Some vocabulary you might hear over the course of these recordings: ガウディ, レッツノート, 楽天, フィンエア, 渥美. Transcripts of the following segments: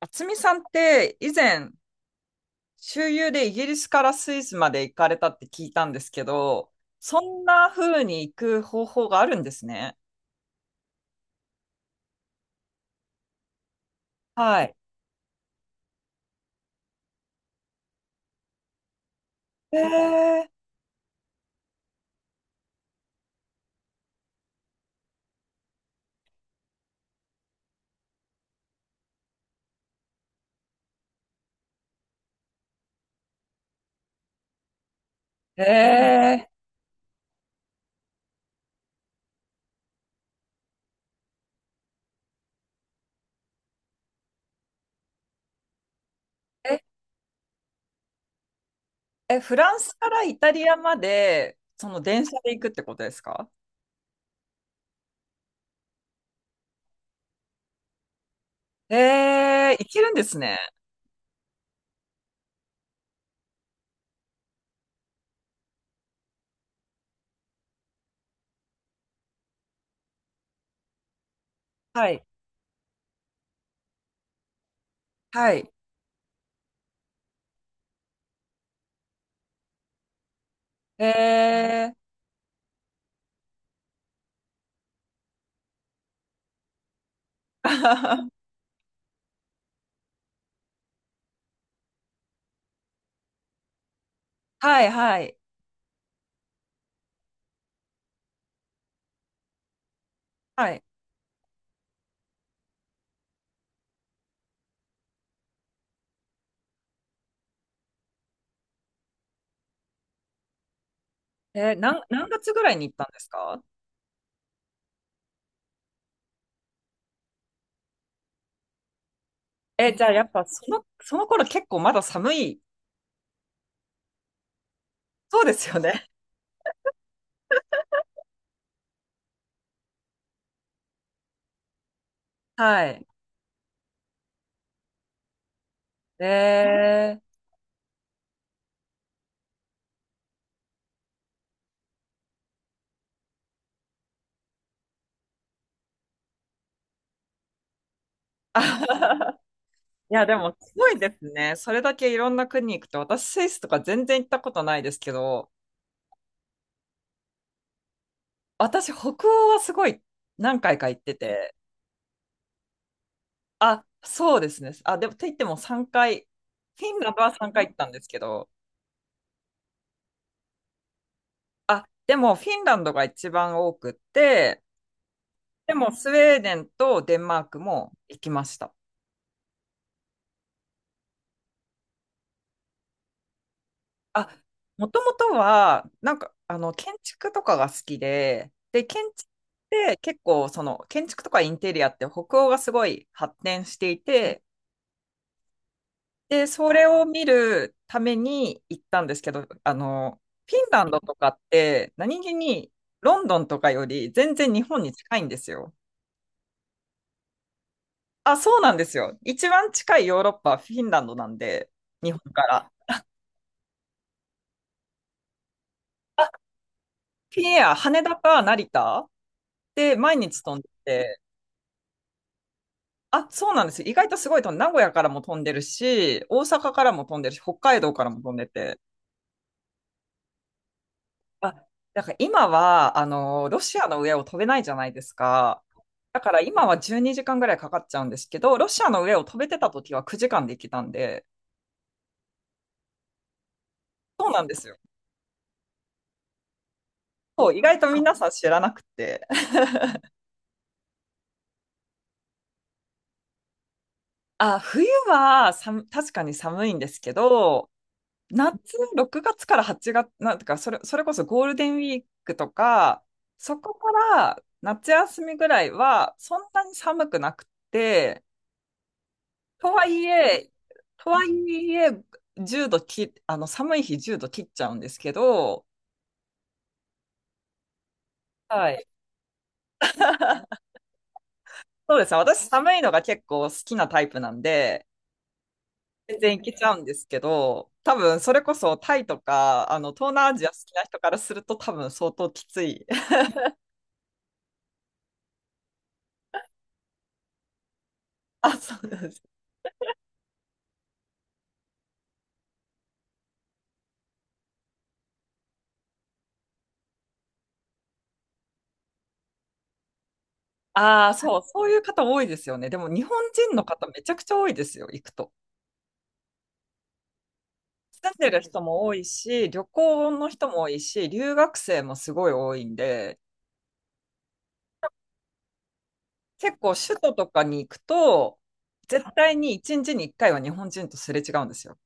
渥美さんって以前、周遊でイギリスからスイスまで行かれたって聞いたんですけど、そんな風に行く方法があるんですね。はい。えー、えー、え、フランスからイタリアまで、その電車で行くってことですか？行けるんですね。はい。はい。えー、はいはい。はい。何月ぐらいに行ったんですか？じゃあやっぱその頃結構まだ寒い？そうですよね。はい。えー。いや、でも、すごいですね。それだけいろんな国行くと、私、スイスとか全然行ったことないですけど、私、北欧はすごい何回か行ってて、あ、そうですね。あ、でも、と言っても3回、フィンランドは3回行ったんですけど、あ、でも、フィンランドが一番多くって、でも、スウェーデンとデンマークも行きました。あ、もともとは、なんか、建築とかが好きで、で、建築って結構、建築とかインテリアって北欧がすごい発展していて、で、それを見るために行ったんですけど、フィンランドとかって、何気にロンドンとかより全然日本に近いんですよ。あ、そうなんですよ。一番近いヨーロッパはフィンランドなんで、日本から。フィンエア、羽田か成田で毎日飛んでて、あ、そうなんですよ。意外とすごいと、名古屋からも飛んでるし、大阪からも飛んでるし、北海道からも飛んでて。あ、だから今は、ロシアの上を飛べないじゃないですか。だから今は12時間ぐらいかかっちゃうんですけど、ロシアの上を飛べてた時は9時間で行けたんで、そうなんですよ。そう、意外と皆さん知らなくて。あ、冬は確かに寒いんですけど、夏、6月から8月、なんてか、それこそゴールデンウィークとか、そこから夏休みぐらいは、そんなに寒くなくて、とはいえ、とはいえ、1度き、あの、寒い日10度切っちゃうんですけど、はい。そうですね。私、寒いのが結構好きなタイプなんで、全然いけちゃうんですけど、多分、それこそタイとか、東南アジア好きな人からすると、多分、相当きつい。あ、そうです。ああ、そう、そういう方多いですよね。でも日本人の方めちゃくちゃ多いですよ、行くと。住んでる人も多いし、旅行の人も多いし、留学生もすごい多いんで、結構首都とかに行くと、絶対に1日に1回は日本人とすれ違うんですよ。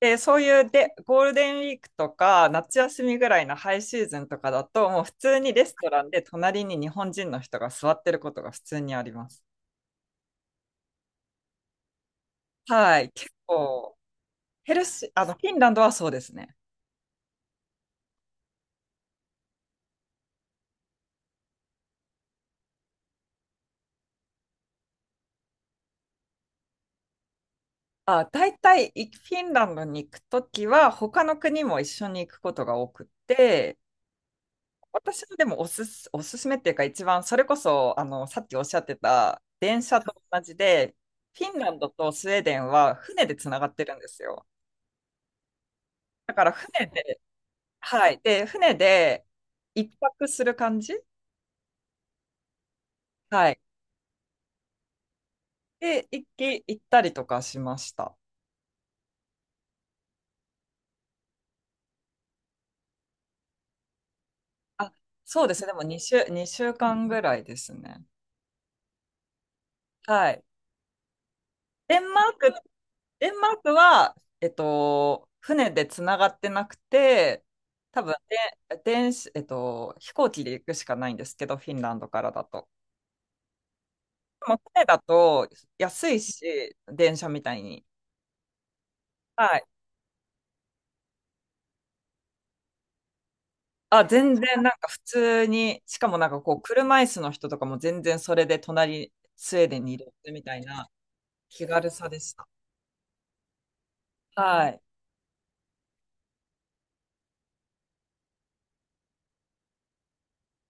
で、そういうで、ゴールデンウィークとか、夏休みぐらいのハイシーズンとかだと、もう普通にレストランで隣に日本人の人が座ってることが普通にあります。はい、結構、ヘルシー、あの、フィンランドはそうですね。あ、大体フィンランドに行くときは他の国も一緒に行くことが多くて、私はでもおすすめっていうか一番それこそあのさっきおっしゃってた電車と同じで、フィンランドとスウェーデンは船でつながってるんですよ。だから船で、はい。で、船で1泊する感じ。はい。で、行ったりとかしました。あ、そうですね。でも2週間ぐらいですね。はい。デンマークデンマークは、船でつながってなくて、多分で、電子、えっと、飛行機で行くしかないんですけど、フィンランドからだと。でも船だと安いし、電車みたいに。はい。あ、全然なんか普通に、しかもなんかこう、車椅子の人とかも全然それで隣、スウェーデンにいるみたいな気軽さでした。はい。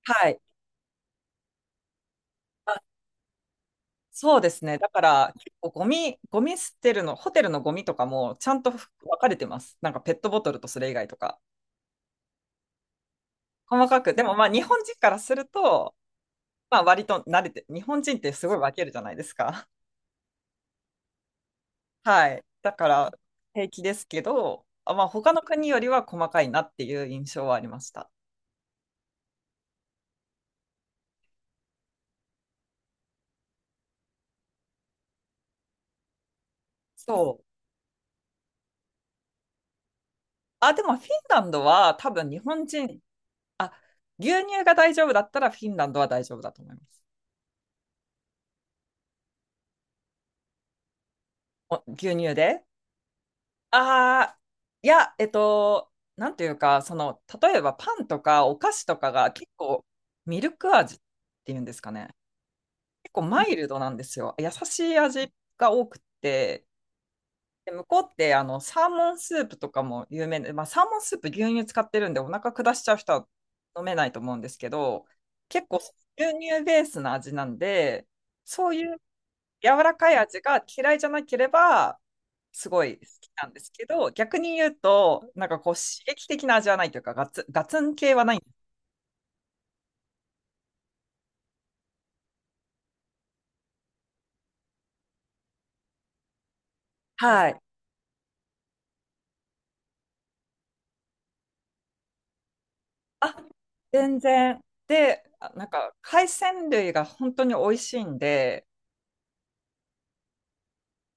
はい。そうですね。だから、結構ゴミ捨てるの、ホテルのゴミとかもちゃんと分かれてます。なんかペットボトルとそれ以外とか。細かく。でもまあ日本人からすると、まあ割と慣れて、日本人ってすごい分けるじゃないですか。はい。だから平気ですけど、まあ他の国よりは細かいなっていう印象はありました。そう。あ、でもフィンランドは多分日本人、あ、牛乳が大丈夫だったらフィンランドは大丈夫だと思います。お牛乳でああ、いや、なんていうか、例えばパンとかお菓子とかが結構ミルク味っていうんですかね。結構マイルドなんですよ。優しい味が多くて、で、向こうってあのサーモンスープとかも有名で、まあ、サーモンスープ牛乳使ってるんでお腹下しちゃう人は飲めないと思うんですけど、結構牛乳ベースの味なんで、そういう柔らかい味が嫌いじゃなければ、すごい好きなんですけど、逆に言うと、なんかこう刺激的な味はないというか、ガツン系はない。はい。あ、全然。で、あなんか海鮮類が本当に美味しいんで、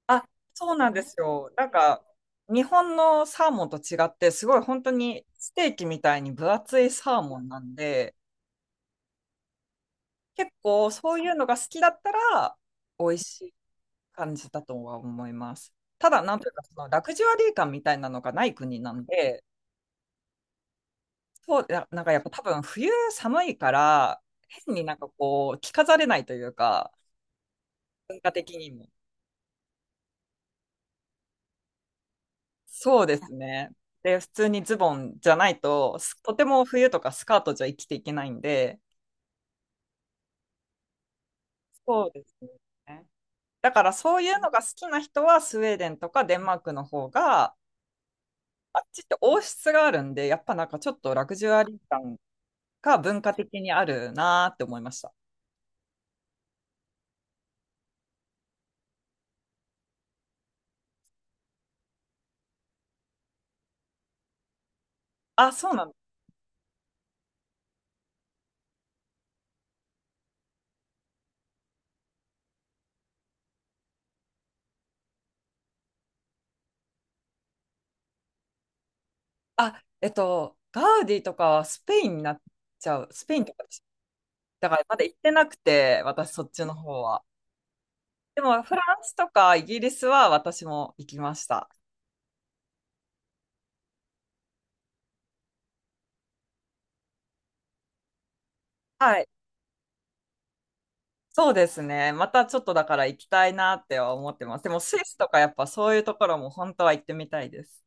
あ、そうなんですよ。なんか日本のサーモンと違って、すごい本当にステーキみたいに分厚いサーモンなんで、結構そういうのが好きだったら、美味しい感じだとは思います。ただ、なんというか、そのラグジュアリー感みたいなのがない国なんで、そう、なんかやっぱ多分冬寒いから、変になんかこう、着飾れないというか、文化的にも。そうですね。で、普通にズボンじゃないと、とても冬とかスカートじゃ生きていけないんで、そうですね。だからそういうのが好きな人は、スウェーデンとかデンマークの方が、あっちって王室があるんで、やっぱなんかちょっとラグジュアリー感が文化的にあるなーって思いました。あ、そうなんだ。あ、ガウディとかはスペインになっちゃう。スペインとかでした。だからまだ行ってなくて、私そっちの方は。でもフランスとかイギリスは私も行きました。はい。そうですね。またちょっとだから行きたいなっては思ってます。でもスイスとかやっぱそういうところも本当は行ってみたいです。